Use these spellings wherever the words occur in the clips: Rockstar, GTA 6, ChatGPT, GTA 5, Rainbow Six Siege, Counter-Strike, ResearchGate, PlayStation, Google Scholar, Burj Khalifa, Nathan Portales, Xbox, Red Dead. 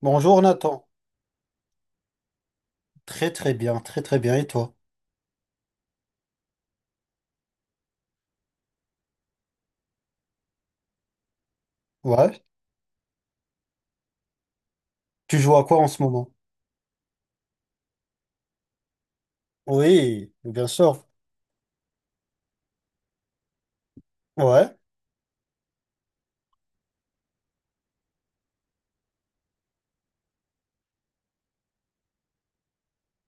Bonjour Nathan. Très très bien, très très bien. Et toi? Ouais. Tu joues à quoi en ce moment? Oui, bien sûr. Ouais.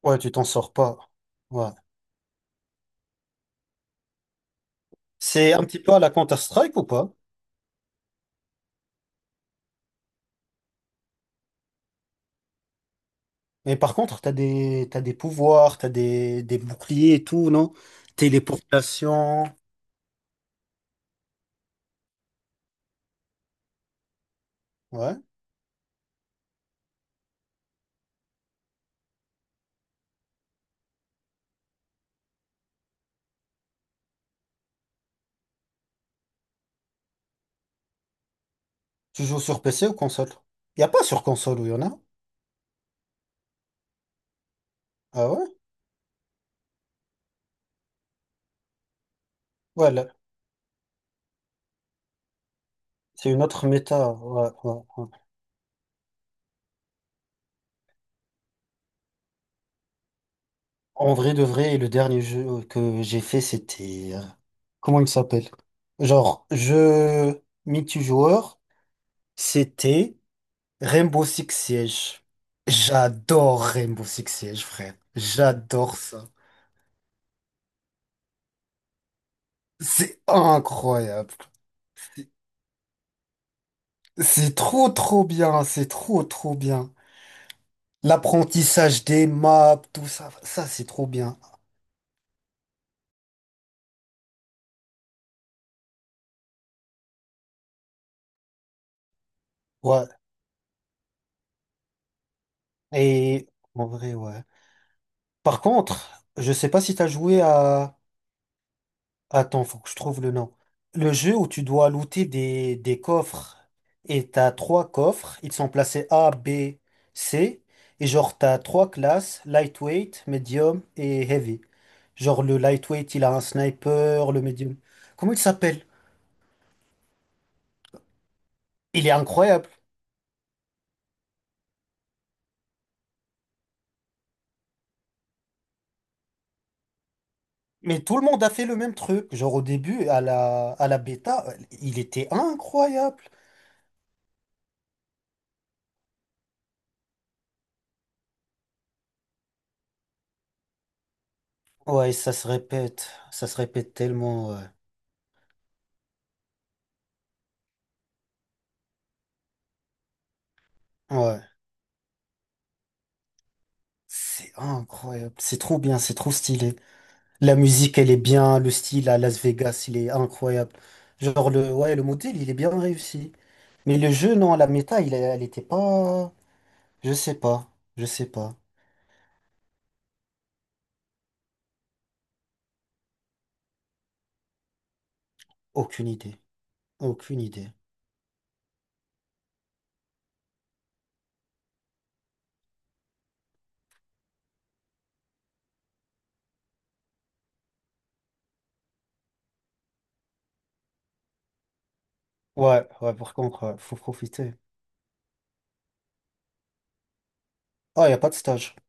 Ouais, tu t'en sors pas. Ouais. C'est un petit peu à la Counter-Strike ou pas? Mais par contre, t'as des pouvoirs, t'as des boucliers et tout, non? Téléportation. Ouais. Tu joues sur PC ou console? Y a pas sur console où y en a? Ah ouais? Ouais, là, c'est une autre méta. Ouais, ouais, ouais. En vrai de vrai, le dernier jeu que j'ai fait, c'était, comment il s'appelle? Genre, je multijoueur, c'était Rainbow Six Siege. J'adore Rainbow Six Siege, frère. J'adore ça. C'est incroyable. C'est trop, trop bien. C'est trop, trop bien. L'apprentissage des maps, tout ça, ça, c'est trop bien. Ouais. Et en vrai, ouais. Par contre, je sais pas si t'as joué à Attends, faut que je trouve le nom. Le jeu où tu dois looter des coffres. Et t'as trois coffres. Ils sont placés A, B, C. Et genre, t'as trois classes, lightweight, medium et heavy. Genre, le lightweight, il a un sniper, le medium. Comment il s'appelle? Il est incroyable. Mais tout le monde a fait le même truc. Genre, au début, à la bêta, il était incroyable. Ouais, ça se répète. Ça se répète tellement, ouais. Ouais. C'est incroyable. C'est trop bien, c'est trop stylé. La musique, elle est bien, le style à Las Vegas, il est incroyable. Genre le, ouais, le modèle, il est bien réussi. Mais le jeu, non, la méta, elle était pas. Je sais pas. Je sais pas. Aucune idée. Aucune idée. Ouais, ouais, par contre, ouais, faut profiter. Ah, y a pas de stage.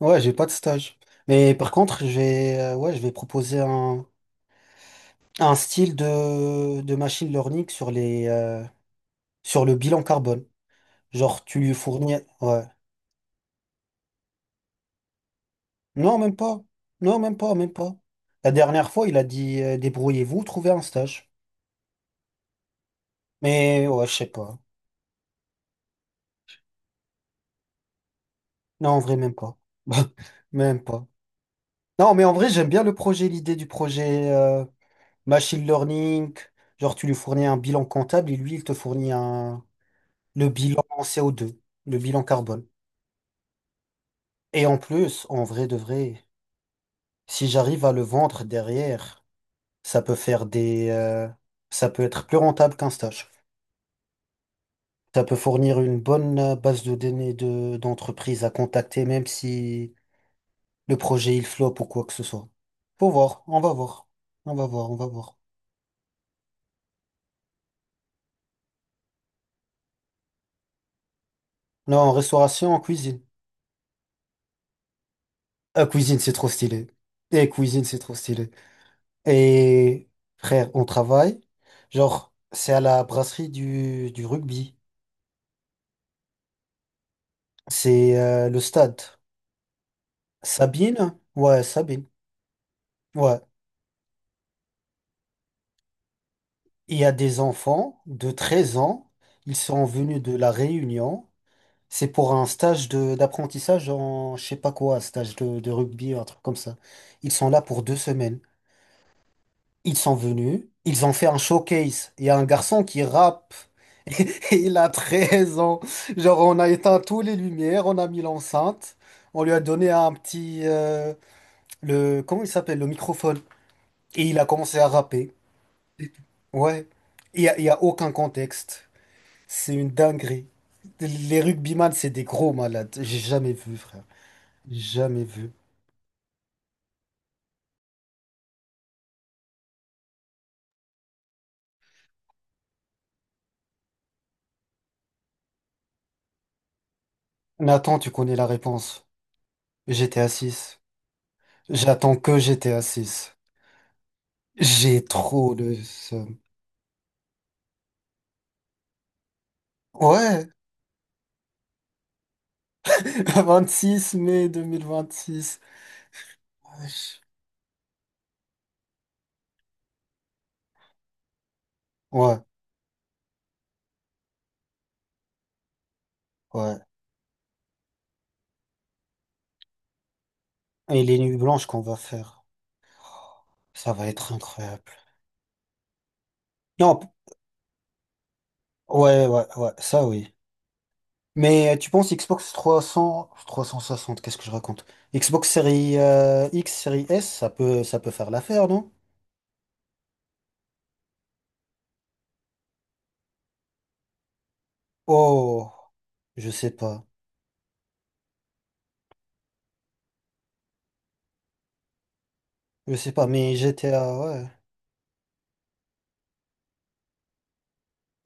Ouais, j'ai pas de stage. Mais par contre, j'ai ouais, je vais proposer un style de machine learning sur le bilan carbone. Genre, tu lui fournis, ouais. Non, même pas. Non, même pas, même pas. La dernière fois, il a dit, débrouillez-vous, trouvez un stage. Mais ouais, je sais pas. Non, en vrai, même pas. Même pas. Non, mais en vrai, j'aime bien le projet, l'idée du projet, machine learning. Genre, tu lui fournis un bilan comptable et lui, il te fournit un le bilan en CO2, le bilan carbone. Et en plus, en vrai de vrai, si j'arrive à le vendre derrière, ça peut faire des euh, ça peut être plus rentable qu'un stage. Ça peut fournir une bonne base de données d'entreprise à contacter, même si le projet il floppe ou quoi que ce soit. Faut voir, on va voir. On va voir, on va voir. Non, en restauration, en cuisine. Ah, cuisine, c'est trop stylé. Et cuisine, c'est trop stylé. Et frère, on travaille. Genre, c'est à la brasserie du rugby. C'est le stade. Sabine? Ouais, Sabine. Ouais. Il y a des enfants de 13 ans. Ils sont venus de la Réunion. C'est pour un stage de d'apprentissage en je sais pas quoi, stage de rugby, un truc comme ça. Ils sont là pour 2 semaines. Ils sont venus, ils ont fait un showcase. Il y a un garçon qui rappe, il a 13 ans. Genre, on a éteint toutes les lumières, on a mis l'enceinte, on lui a donné un petit, le comment il s'appelle, le microphone, et il a commencé à rapper. Et tout. Ouais. Il y a aucun contexte. C'est une dinguerie. Les rugbyman, c'est des gros malades. J'ai jamais vu, frère. Jamais vu. Mais attends, tu connais la réponse. GTA 6. J'attends que GTA 6. J'ai trop le seum. Ouais, 26 mai 2026. Wesh. Ouais, ouais. Et les nuits blanches qu'on va faire, ça va être incroyable. Non, ouais, ouais, ouais, ça oui. Mais tu penses Xbox 300, 360, qu'est-ce que je raconte? Xbox série, X, série S, ça peut faire l'affaire, non? Oh, je sais pas. Je sais pas, mais GTA, ouais.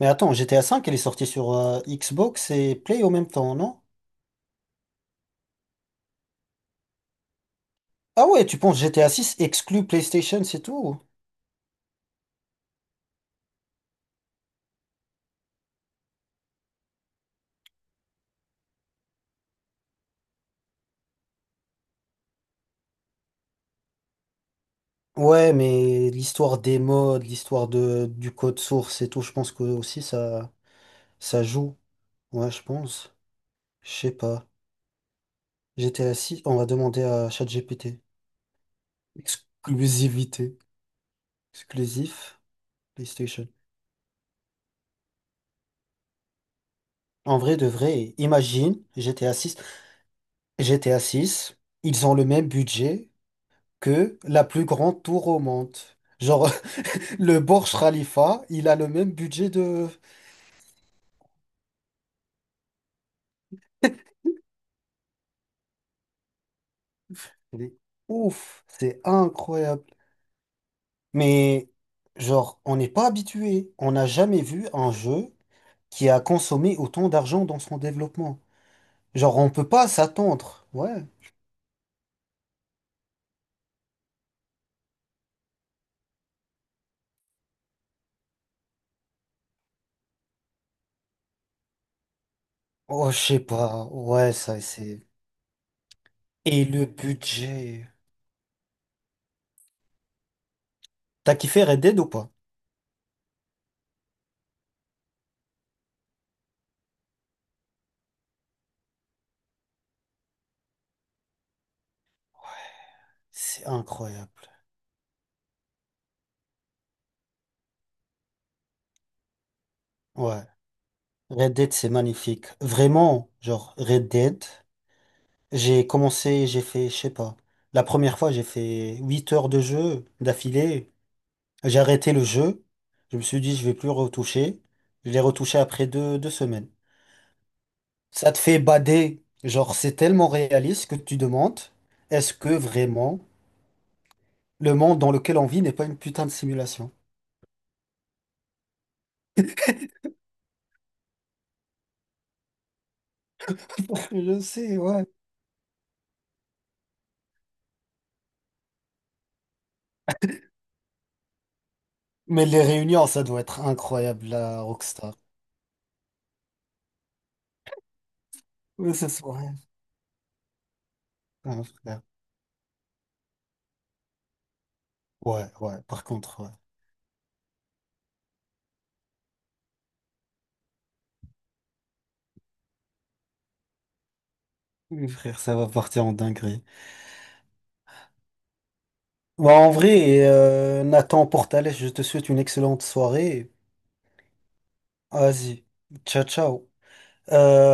Mais attends, GTA 5, elle est sortie sur, Xbox et Play au même temps, non? Ah ouais, tu penses GTA 6 exclut PlayStation, c'est tout? Ouais, mais l'histoire des modes, l'histoire de du code source et tout, je pense que aussi ça joue. Ouais, je pense. Je sais pas. GTA 6, on va demander à ChatGPT. Exclusivité. Exclusif PlayStation. En vrai de vrai, imagine GTA 6. GTA 6, ils ont le même budget que la plus grande tour au monde. Genre, le Burj Khalifa, il a le même budget de. Mais, ouf, c'est incroyable. Mais, genre, on n'est pas habitué. On n'a jamais vu un jeu qui a consommé autant d'argent dans son développement. Genre, on peut pas s'attendre. Ouais. Oh, je sais pas. Ouais, ça, c'est. Et le budget. T'as kiffé Red Dead ou pas? C'est incroyable. Ouais. Red Dead, c'est magnifique. Vraiment, genre, Red Dead. J'ai commencé, j'ai fait, je sais pas. La première fois, j'ai fait 8 heures de jeu d'affilée. J'ai arrêté le jeu. Je me suis dit, je vais plus retoucher. Je l'ai retouché après deux semaines. Ça te fait bader. Genre, c'est tellement réaliste que tu demandes, est-ce que vraiment le monde dans lequel on vit n'est pas une putain de simulation? Je sais, ouais. Mais les réunions, ça doit être incroyable, la Rockstar. Oui, ce soir. Ouais, frère. Ouais, ouais, par contre, ouais. Oui, frère, ça va partir en dinguerie. Bah, en vrai, Nathan Portales, je te souhaite une excellente soirée. Vas-y, ciao, ciao. Euh,